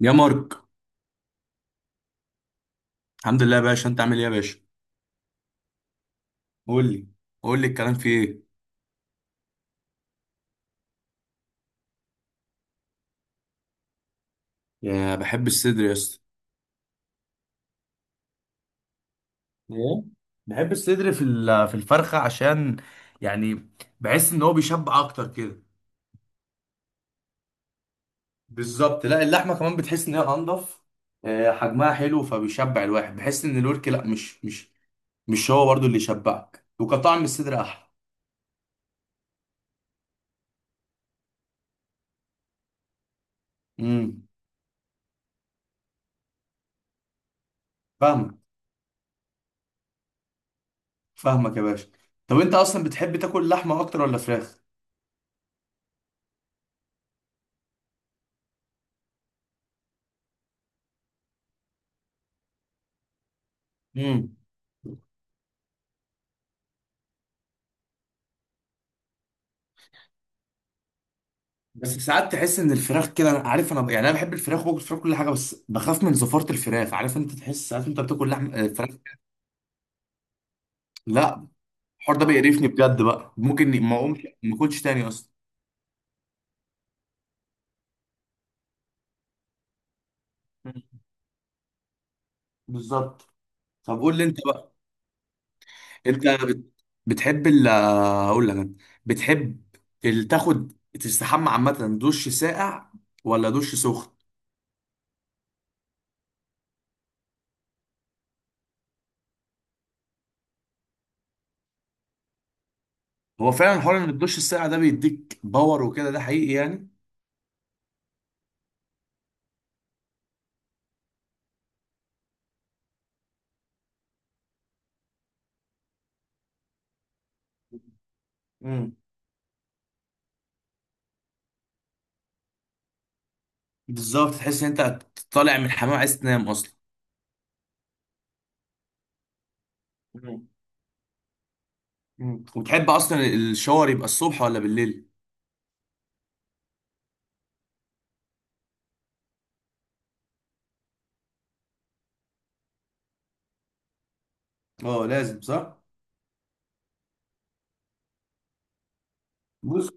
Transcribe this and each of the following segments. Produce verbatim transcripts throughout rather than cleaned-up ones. يا مارك. الحمد لله يا باشا، انت عامل ايه يا باشا؟ قول لي قول لي الكلام في ايه؟ يا بحب الصدر يا اسطى. ايه، بحب الصدر في ال- في الفرخه، عشان يعني بحس ان هو بيشبع اكتر كده. بالظبط، لا اللحمه كمان بتحس ان هي انضف. آه، حجمها حلو فبيشبع الواحد، بحس ان الورك لا مش مش مش هو برضو اللي يشبعك، وكطعم الصدر احلى. امم فاهمك فاهمك يا باشا. طب انت اصلا بتحب تاكل لحمه اكتر ولا فراخ؟ امم بس ساعات تحس ان الفراخ كده، أنا عارف، انا يعني انا بحب الفراخ وباكل فراخ كل حاجه، بس بخاف من زفاره الفراخ. عارف، انت تحس ساعات انت بتاكل لحم آه، فراخ. لا الحوار ده بيقرفني بجد، بقى ممكن ما اقومش ما اكلش تاني اصلا. مم. بالظبط. طب قول لي انت بقى. انت بت- بتحب ال آه، اقول لك أنا. بتحب ال- تاخد تستحمى عامه، دش ساقع ولا دش سخن؟ هو فعلا حوار ان الدش الساقع ده بيديك باور وكده، ده حقيقي يعني. مم. بالظبط، تحس ان انت طالع من الحمام عايز تنام اصلا. مم. مم. وتحب اصلا الشاور يبقى الصبح ولا بالليل؟ اه لازم، صح. بص،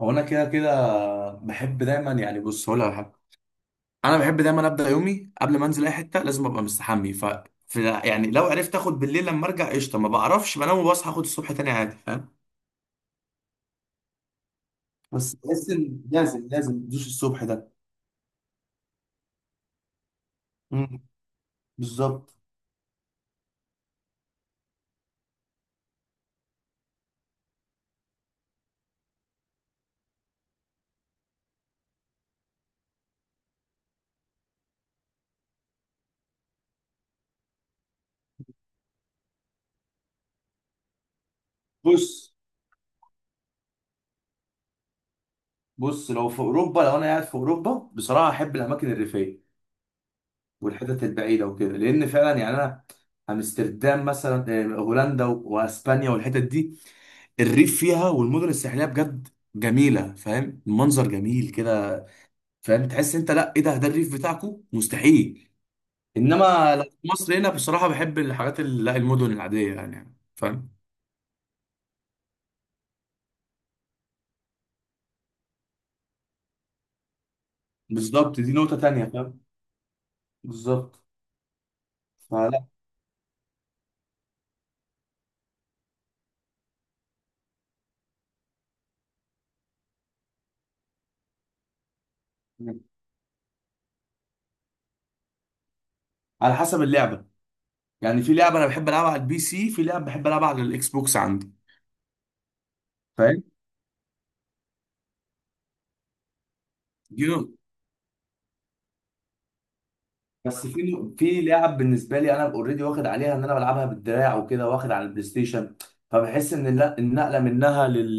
هو انا كده كده بحب دايما، يعني بص هقول لك على حاجه، انا بحب دايما ابدا يومي قبل ما انزل اي حته لازم ابقى مستحمي. ف في يعني لو عرفت اخد بالليل لما ارجع قشطه، ما بعرفش، بنام وبصحى اخد الصبح تاني عادي. فاهم؟ بس تحس ان لازم لازم تدوس الصبح ده. مم. بالظبط. بص بص لو في اوروبا، لو انا قاعد في اوروبا بصراحه احب الاماكن الريفيه والحتت البعيده وكده، لان فعلا يعني انا، امستردام مثلا آه، هولندا و- واسبانيا والحتت دي، الريف فيها والمدن الساحليه بجد جميله. فاهم؟ المنظر جميل كده. فاهم؟ تحس انت لا ايه ده، ده الريف بتاعكو، مستحيل. انما لو في مصر هنا بصراحه بحب الحاجات ال- لا المدن العاديه يعني. فاهم؟ بالظبط، دي نقطه تانية. فاهم؟ بالظبط. فلا، على حسب اللعبه، يعني في لعبه انا بحب العبها على البي سي، في لعبه بحب العبها على الاكس بوكس عندي. فاهم؟ دي بس في في لعب بالنسبه لي انا اوريدي واخد عليها ان انا بلعبها بالدراع وكده واخد على البلاي ستيشن، فبحس ان الل- النقله منها لل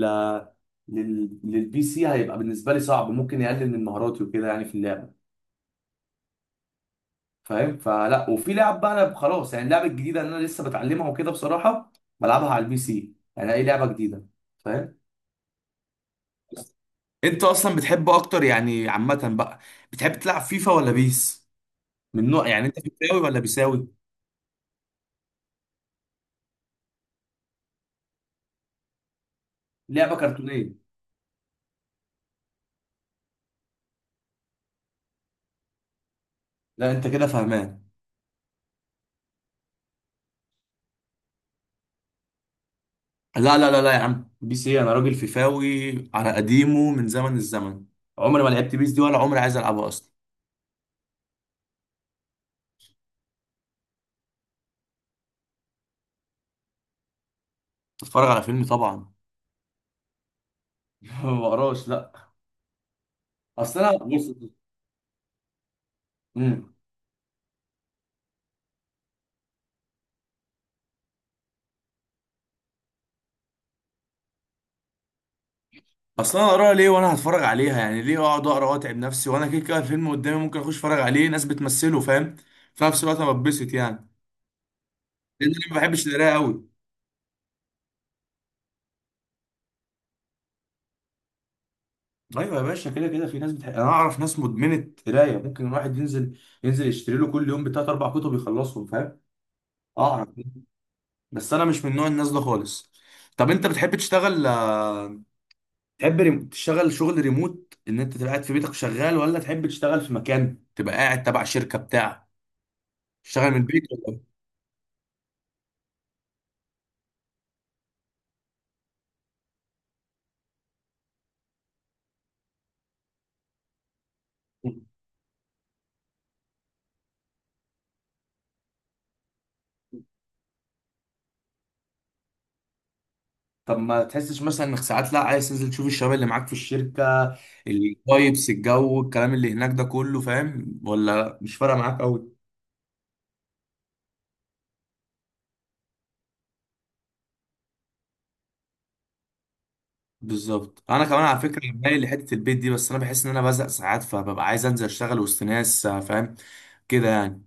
لل للبي سي هيبقى بالنسبه لي صعب، ممكن يقلل من مهاراتي وكده يعني في اللعبه. فاهم؟ فلا وفي لعب بقى انا خلاص، يعني اللعبه الجديده اللي انا لسه بتعلمها وكده بصراحه بلعبها على البي سي يعني، اي لعبه جديده. فاهم؟ انت اصلا بتحب اكتر يعني عامه بقى، بتحب تلعب فيفا ولا بيس؟ من نوع يعني انت فيفاوي ولا بيساوي؟ لعبه كرتونيه، لا انت كده فاهمان. لا لا لا لا يا عم، بيس ايه؟ انا راجل فيفاوي على قديمه من زمن الزمن. عمري ما لعبت بيس دي ولا عمري عايز العبها اصلا. اتفرج على فيلم طبعا ما بقراش، لا. اصل انا بص. امم اصل انا اقراها ليه وانا هتفرج عليها؟ يعني ليه اقعد اقرا واتعب نفسي وانا كده كده الفيلم قدامي، ممكن اخش اتفرج عليه، ناس بتمثله. فاهم؟ في نفس الوقت انا بتبسط يعني، لان انا ما بحبش القرايه قوي. ايوه يا باشا، كده كده في ناس بتح... انا اعرف ناس مدمنه قرايه، ممكن الواحد ينزل ينزل يشتري له كل يوم بتلات اربع كتب يخلصهم. فاهم؟ اعرف. بس انا مش من نوع الناس ده خالص. طب انت بتحب تشتغل آه، تحب ريم... تشتغل شغل ريموت ان انت تبقى قاعد في بيتك شغال، ولا تحب تشتغل في مكان تبقى قاعد تبع شركة بتاع، تشتغل من البيت ولا؟ إيه؟ طب ما تحسش مثلا انك ساعات لا عايز تنزل تشوف الشباب اللي معاك في الشركة، الفايبس الجو الكلام اللي هناك ده كله. فاهم؟ ولا مش فارقة معاك قوي؟ بالظبط، انا كمان على فكره مايل لحته البيت دي، بس انا بحس ان انا بزهق ساعات، فببقى عايز انزل اشتغل وسط ناس آه، فاهم، كده يعني.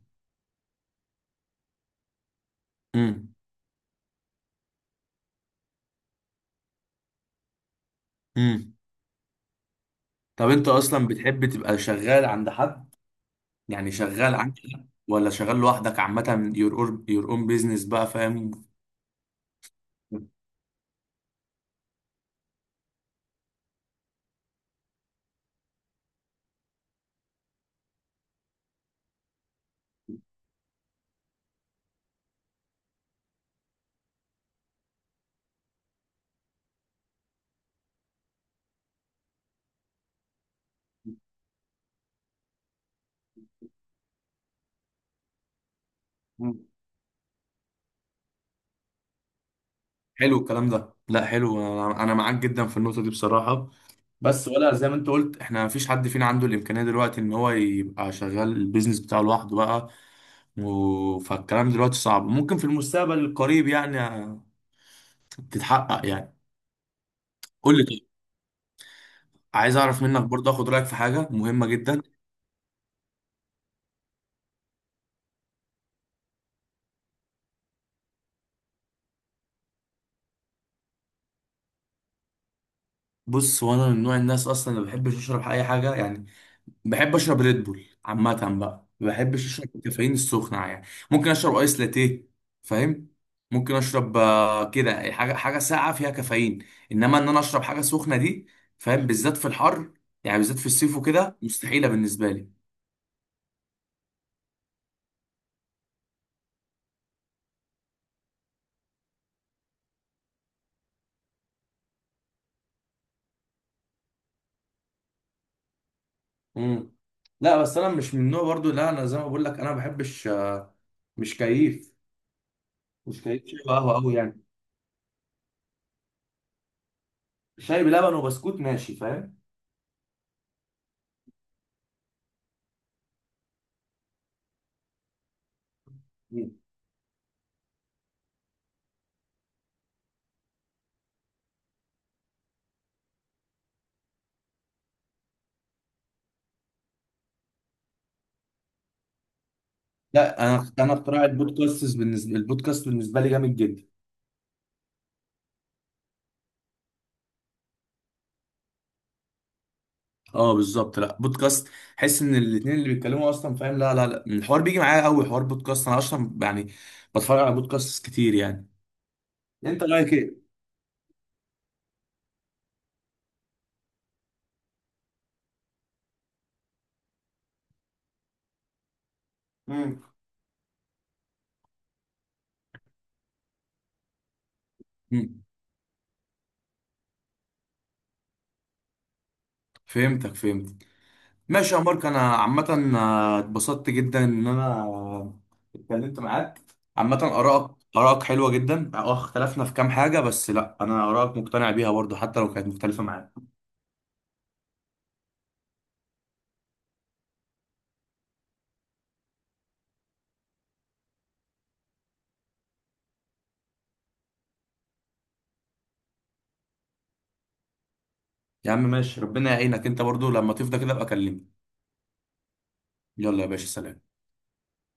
امم امم. طب انت اصلا بتحب تبقى شغال عند حد؟ يعني شغال عند حد ولا شغال لوحدك عامة your own, your own business بقى؟ فاهم؟ حلو الكلام ده، لا حلو، انا أنا معاك جدا في النقطة دي بصراحة. بس ولا زي ما انت قلت احنا مفيش حد فينا عنده الامكانية دلوقتي ان هو يبقى شغال البيزنس بتاعه لوحده بقى. و... فالكلام دلوقتي صعب، ممكن في المستقبل القريب يعني تتحقق يعني. قول لي طيب، عايز اعرف منك برضه، اخد رايك في حاجه مهمه جدا. بص، وانا من نوع الناس اصلا اللي ما بحبش اشرب اي حاجه يعني، بحب اشرب ريد بول عامه بقى. ما بحبش اشرب الكافيين السخنه يعني، ممكن اشرب ايس لاتيه. فاهم؟ ممكن اشرب آه، كده حاجه حاجه ساقعه فيها كافيين، انما ان انا اشرب حاجه سخنه دي، فاهم؟ بالذات في الحر يعني، بالذات في الصيف وكده مستحيله بالنسبه لي. امم لا بس انا مش من النوع برضو، لا انا زي ما بقول لك انا ما بحبش آه، مش كيف. مش كيف شاي وقهوه قوي يعني، شاي بلبن وبسكوت ماشي. فاهم؟ لا انا انا اختراع البودكاست، بالنسبه البودكاست بالنسبه لي جامد جدا. اه بالظبط، لا بودكاست، حس ان الاثنين اللي بيتكلموا اصلا. فاهم؟ لا لا لا، الحوار بيجي معايا قوي، حوار بودكاست انا اصلا يعني بتفرج على بودكاست كتير يعني. انت رايك ايه؟ مم. مم. فهمتك فهمتك. ماشي يا مارك، انا عامه آه، اتبسطت جدا ان انا اتكلمت معاك. عامه ارائك ارائك حلوه جدا. اه اختلفنا في كام حاجه، بس لا انا ارائك مقتنع بيها برضو حتى لو كانت مختلفه معايا. يا عم ماشي، ربنا يعينك، انت برضو لما تفضى كده ابقى كلمني. يلا يا باشا، سلام.